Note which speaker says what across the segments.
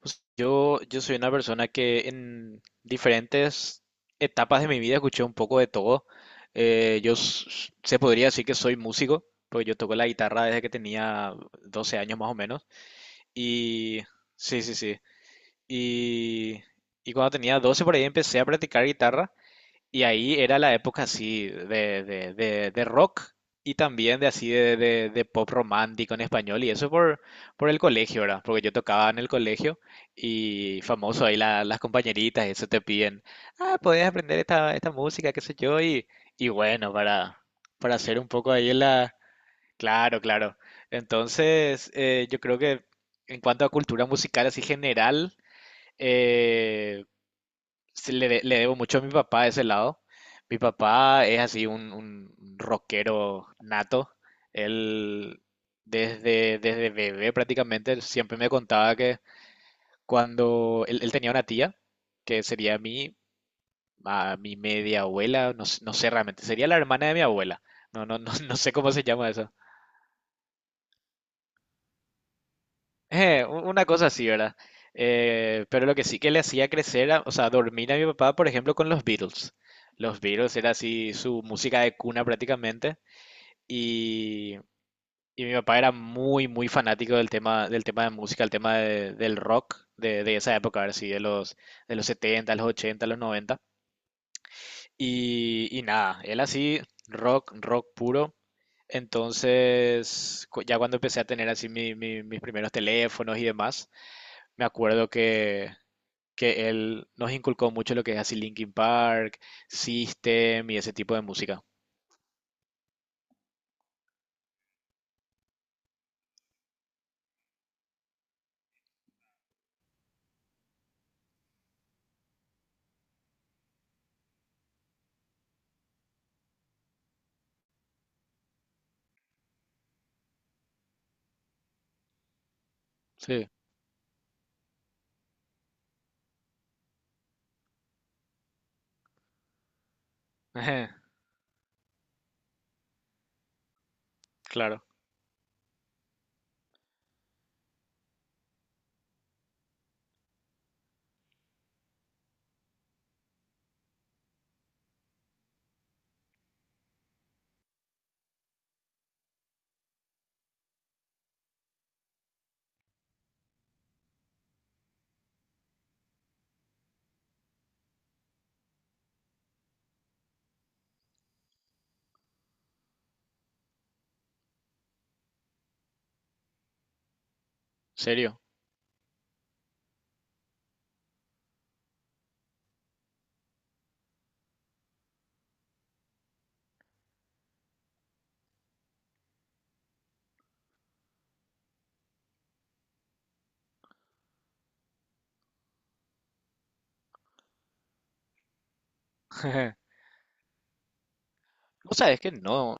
Speaker 1: Pues, yo soy una persona que en diferentes etapas de mi vida escuché un poco de todo. Yo s- se podría decir que soy músico, porque yo toco la guitarra desde que tenía 12 años más o menos. Y sí, sí, sí. Y, y cuando tenía 12 por ahí empecé a practicar guitarra y ahí era la época así de rock y también de así de pop romántico en español. Y eso por el colegio, ¿verdad? Porque yo tocaba en el colegio y famoso ahí las compañeritas, eso te piden, ah, podés aprender esta música, qué sé yo. Y bueno, para hacer un poco ahí en la. Claro, claro. Entonces, yo creo que en cuanto a cultura musical así general, eh, le debo mucho a mi papá de ese lado. Mi papá es así un rockero nato. Él desde bebé prácticamente él siempre me contaba que cuando él tenía una tía, que sería a mi media abuela, no, no sé realmente, sería la hermana de mi abuela. No, no, no, no sé cómo se llama eso. Una cosa así, ¿verdad? Pero lo que sí que le hacía crecer, o sea, dormir a mi papá, por ejemplo, con los Beatles. Los Beatles era así su música de cuna prácticamente. Y, y mi papá era muy, muy fanático del tema de música, el tema del rock de esa época, a ver si de los 70 los 80 los 90. Y nada, él así, rock, rock puro. Entonces, ya cuando empecé a tener así mis primeros teléfonos y demás me acuerdo que él nos inculcó mucho lo que es así Linkin Park, System y ese tipo de música. Sí. Claro, ¿serio? No sabes que no,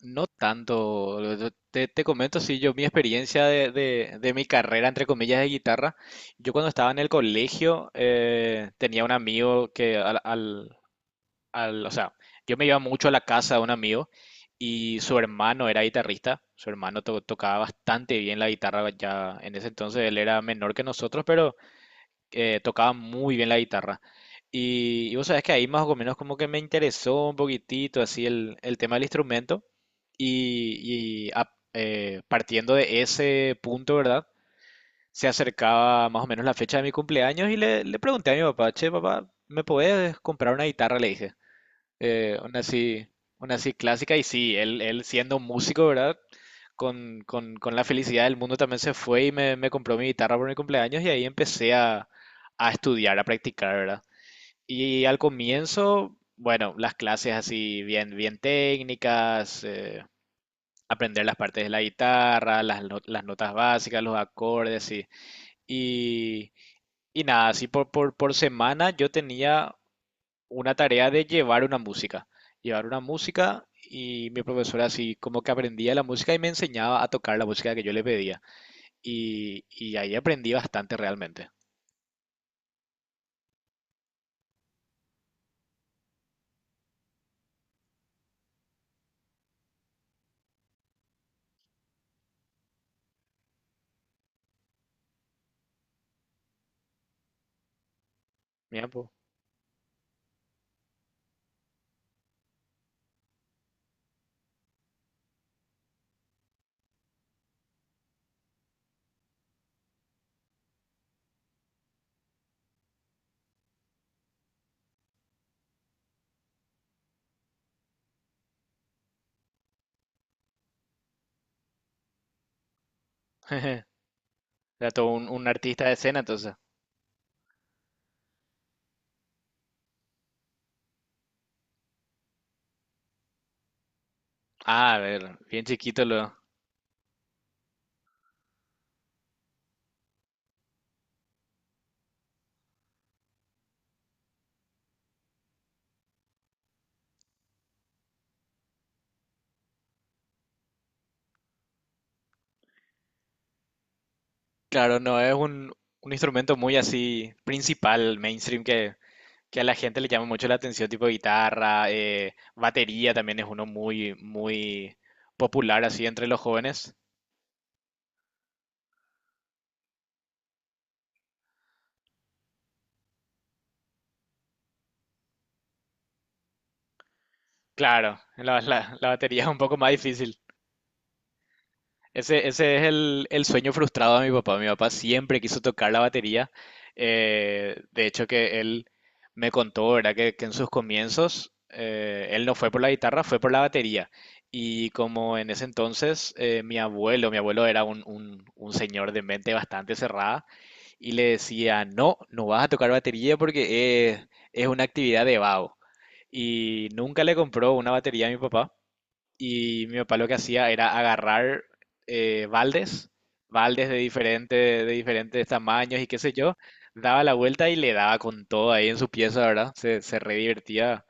Speaker 1: no tanto. Yo te comento, sí, yo mi experiencia de mi carrera, entre comillas, de guitarra. Yo cuando estaba en el colegio tenía un amigo que o sea, yo me iba mucho a la casa de un amigo y su hermano era guitarrista, su hermano tocaba bastante bien la guitarra ya en ese entonces, él era menor que nosotros, pero tocaba muy bien la guitarra. Y vos sabés que ahí más o menos como que me interesó un poquitito así el tema del instrumento y, partiendo de ese punto, ¿verdad? Se acercaba más o menos la fecha de mi cumpleaños y le pregunté a mi papá, che, papá, ¿me podés comprar una guitarra? Le dije. Eh, una así, una así clásica y sí, él siendo músico, ¿verdad? Con la felicidad del mundo también se fue y me compró mi guitarra por mi cumpleaños y ahí empecé a estudiar, a practicar, ¿verdad? Y al comienzo, bueno, las clases así bien, bien técnicas, aprender las partes de la guitarra, las, no- las notas básicas, los acordes, y, y nada, así por semana yo tenía una tarea de llevar una música, llevar una música, y mi profesora así como que aprendía la música y me enseñaba a tocar la música que yo le pedía y ahí aprendí bastante realmente. Mira, pues. Era todo un artista de escena, entonces. Ah, a ver, bien chiquito lo. Claro, no es un instrumento muy así principal, mainstream, que a la gente le llama mucho la atención, tipo guitarra, batería también es uno muy, muy popular así entre los jóvenes. Claro, la batería es un poco más difícil. Ese es el sueño frustrado de mi papá. Mi papá siempre quiso tocar la batería. De hecho, que él me contó, ¿verdad? Que en sus comienzos él no fue por la guitarra, fue por la batería. Y como en ese entonces mi abuelo era un señor de mente bastante cerrada y le decía, no, no vas a tocar batería porque es una actividad de vago. Y nunca le compró una batería a mi papá. Y mi papá lo que hacía era agarrar eh, baldes, baldes de diferentes tamaños y qué sé yo, daba la vuelta y le daba con todo ahí en su pieza, ¿verdad? Se re divertía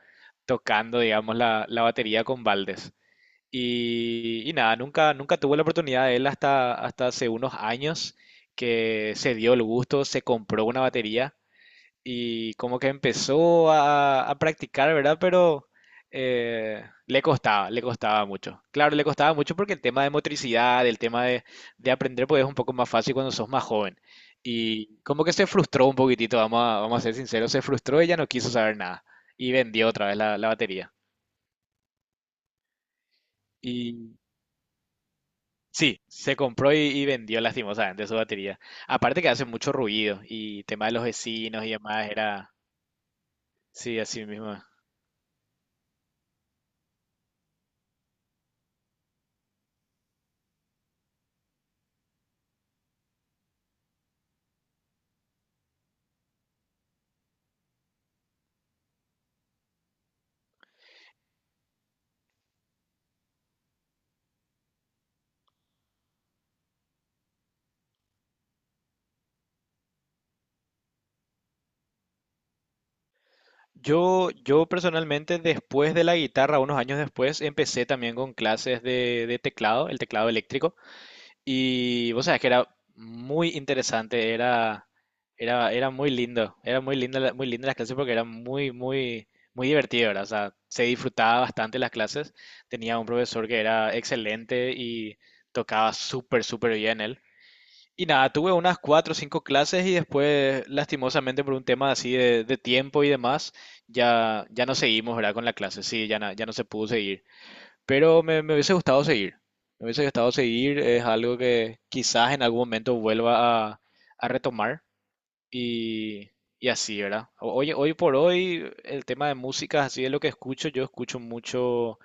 Speaker 1: tocando, digamos, la batería con baldes. Y nada, nunca tuvo la oportunidad de él hasta hace unos años que se dio el gusto, se compró una batería y como que empezó a practicar, ¿verdad? Pero le costaba mucho. Claro, le costaba mucho porque el tema de motricidad, el tema de aprender, pues es un poco más fácil cuando sos más joven. Y como que se frustró un poquitito, vamos a ser sinceros, se frustró y ya no quiso saber nada. Y vendió otra vez la batería. Y sí, se compró y vendió lastimosamente su batería. Aparte que hace mucho ruido y tema de los vecinos y demás, era, sí, así mismo. Yo personalmente, después de la guitarra, unos años después, empecé también con clases de teclado, el teclado eléctrico, y vos sabés que era muy interesante, era muy lindo, era muy linda, la- muy linda las clases porque era muy, muy, muy divertido, ¿verdad? O sea, se disfrutaba bastante las clases, tenía un profesor que era excelente y tocaba súper, súper bien él. Y nada, tuve unas cuatro o cinco clases y después, lastimosamente, por un tema así de tiempo y demás, ya no seguimos, ¿verdad? Con la clase, sí, ya no se pudo seguir. Pero me hubiese gustado seguir. Me hubiese gustado seguir, es algo que quizás en algún momento vuelva a retomar y, y así, ¿verdad? Hoy por hoy, el tema de música, así es lo que escucho. Yo escucho mucho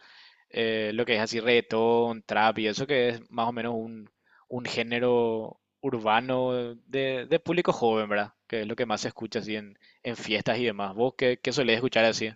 Speaker 1: lo que es así reggaetón, trap y eso que es más o menos un género urbano de público joven, ¿verdad? Que es lo que más se escucha así en fiestas y demás. ¿Vos qué solés escuchar así?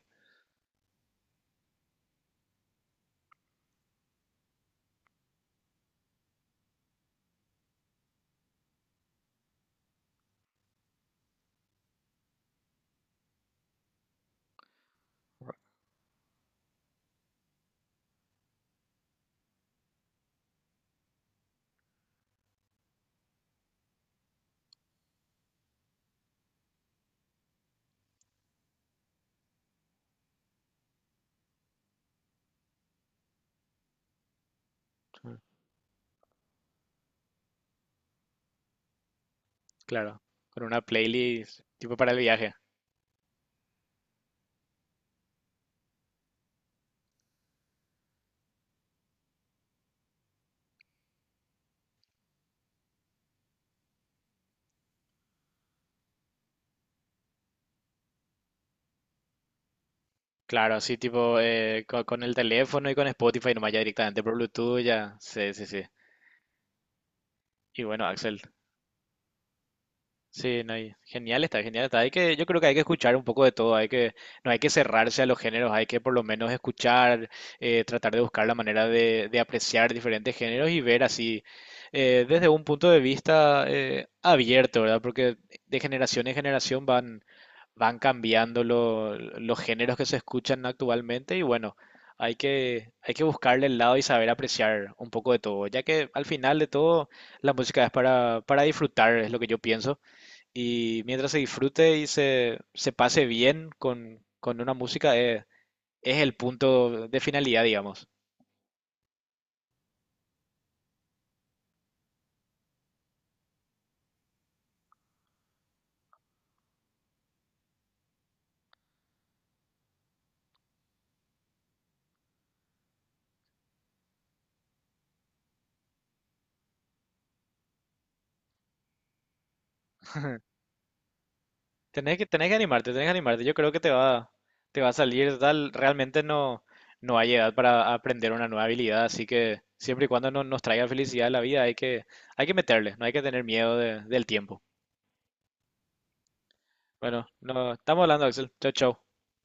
Speaker 1: Mm. Claro, con una playlist tipo para el viaje. Claro, así tipo con el teléfono y con Spotify nomás ya directamente por Bluetooth ya. Sí, sí, sí. Y bueno, Axel. Sí, no, y genial está, genial está. Yo creo que hay que escuchar un poco de todo, no hay que cerrarse a los géneros, hay que por lo menos escuchar, tratar de buscar la manera de apreciar diferentes géneros y ver así desde un punto de vista abierto, ¿verdad? Porque de generación en generación van cambiando los géneros que se escuchan actualmente y bueno, hay que buscarle el lado y saber apreciar un poco de todo, ya que al final de todo la música es para disfrutar, es lo que yo pienso. Y mientras se disfrute y se pase bien con una música, es el punto de finalidad, digamos. Tenés que animarte, tenés que animarte. Yo creo que te va a salir tal. Realmente no hay edad para aprender una nueva habilidad, así que siempre y cuando no, nos traiga felicidad a la vida, hay que meterle, no hay que tener miedo del tiempo. Bueno, no, estamos hablando, Axel. Chau, chau.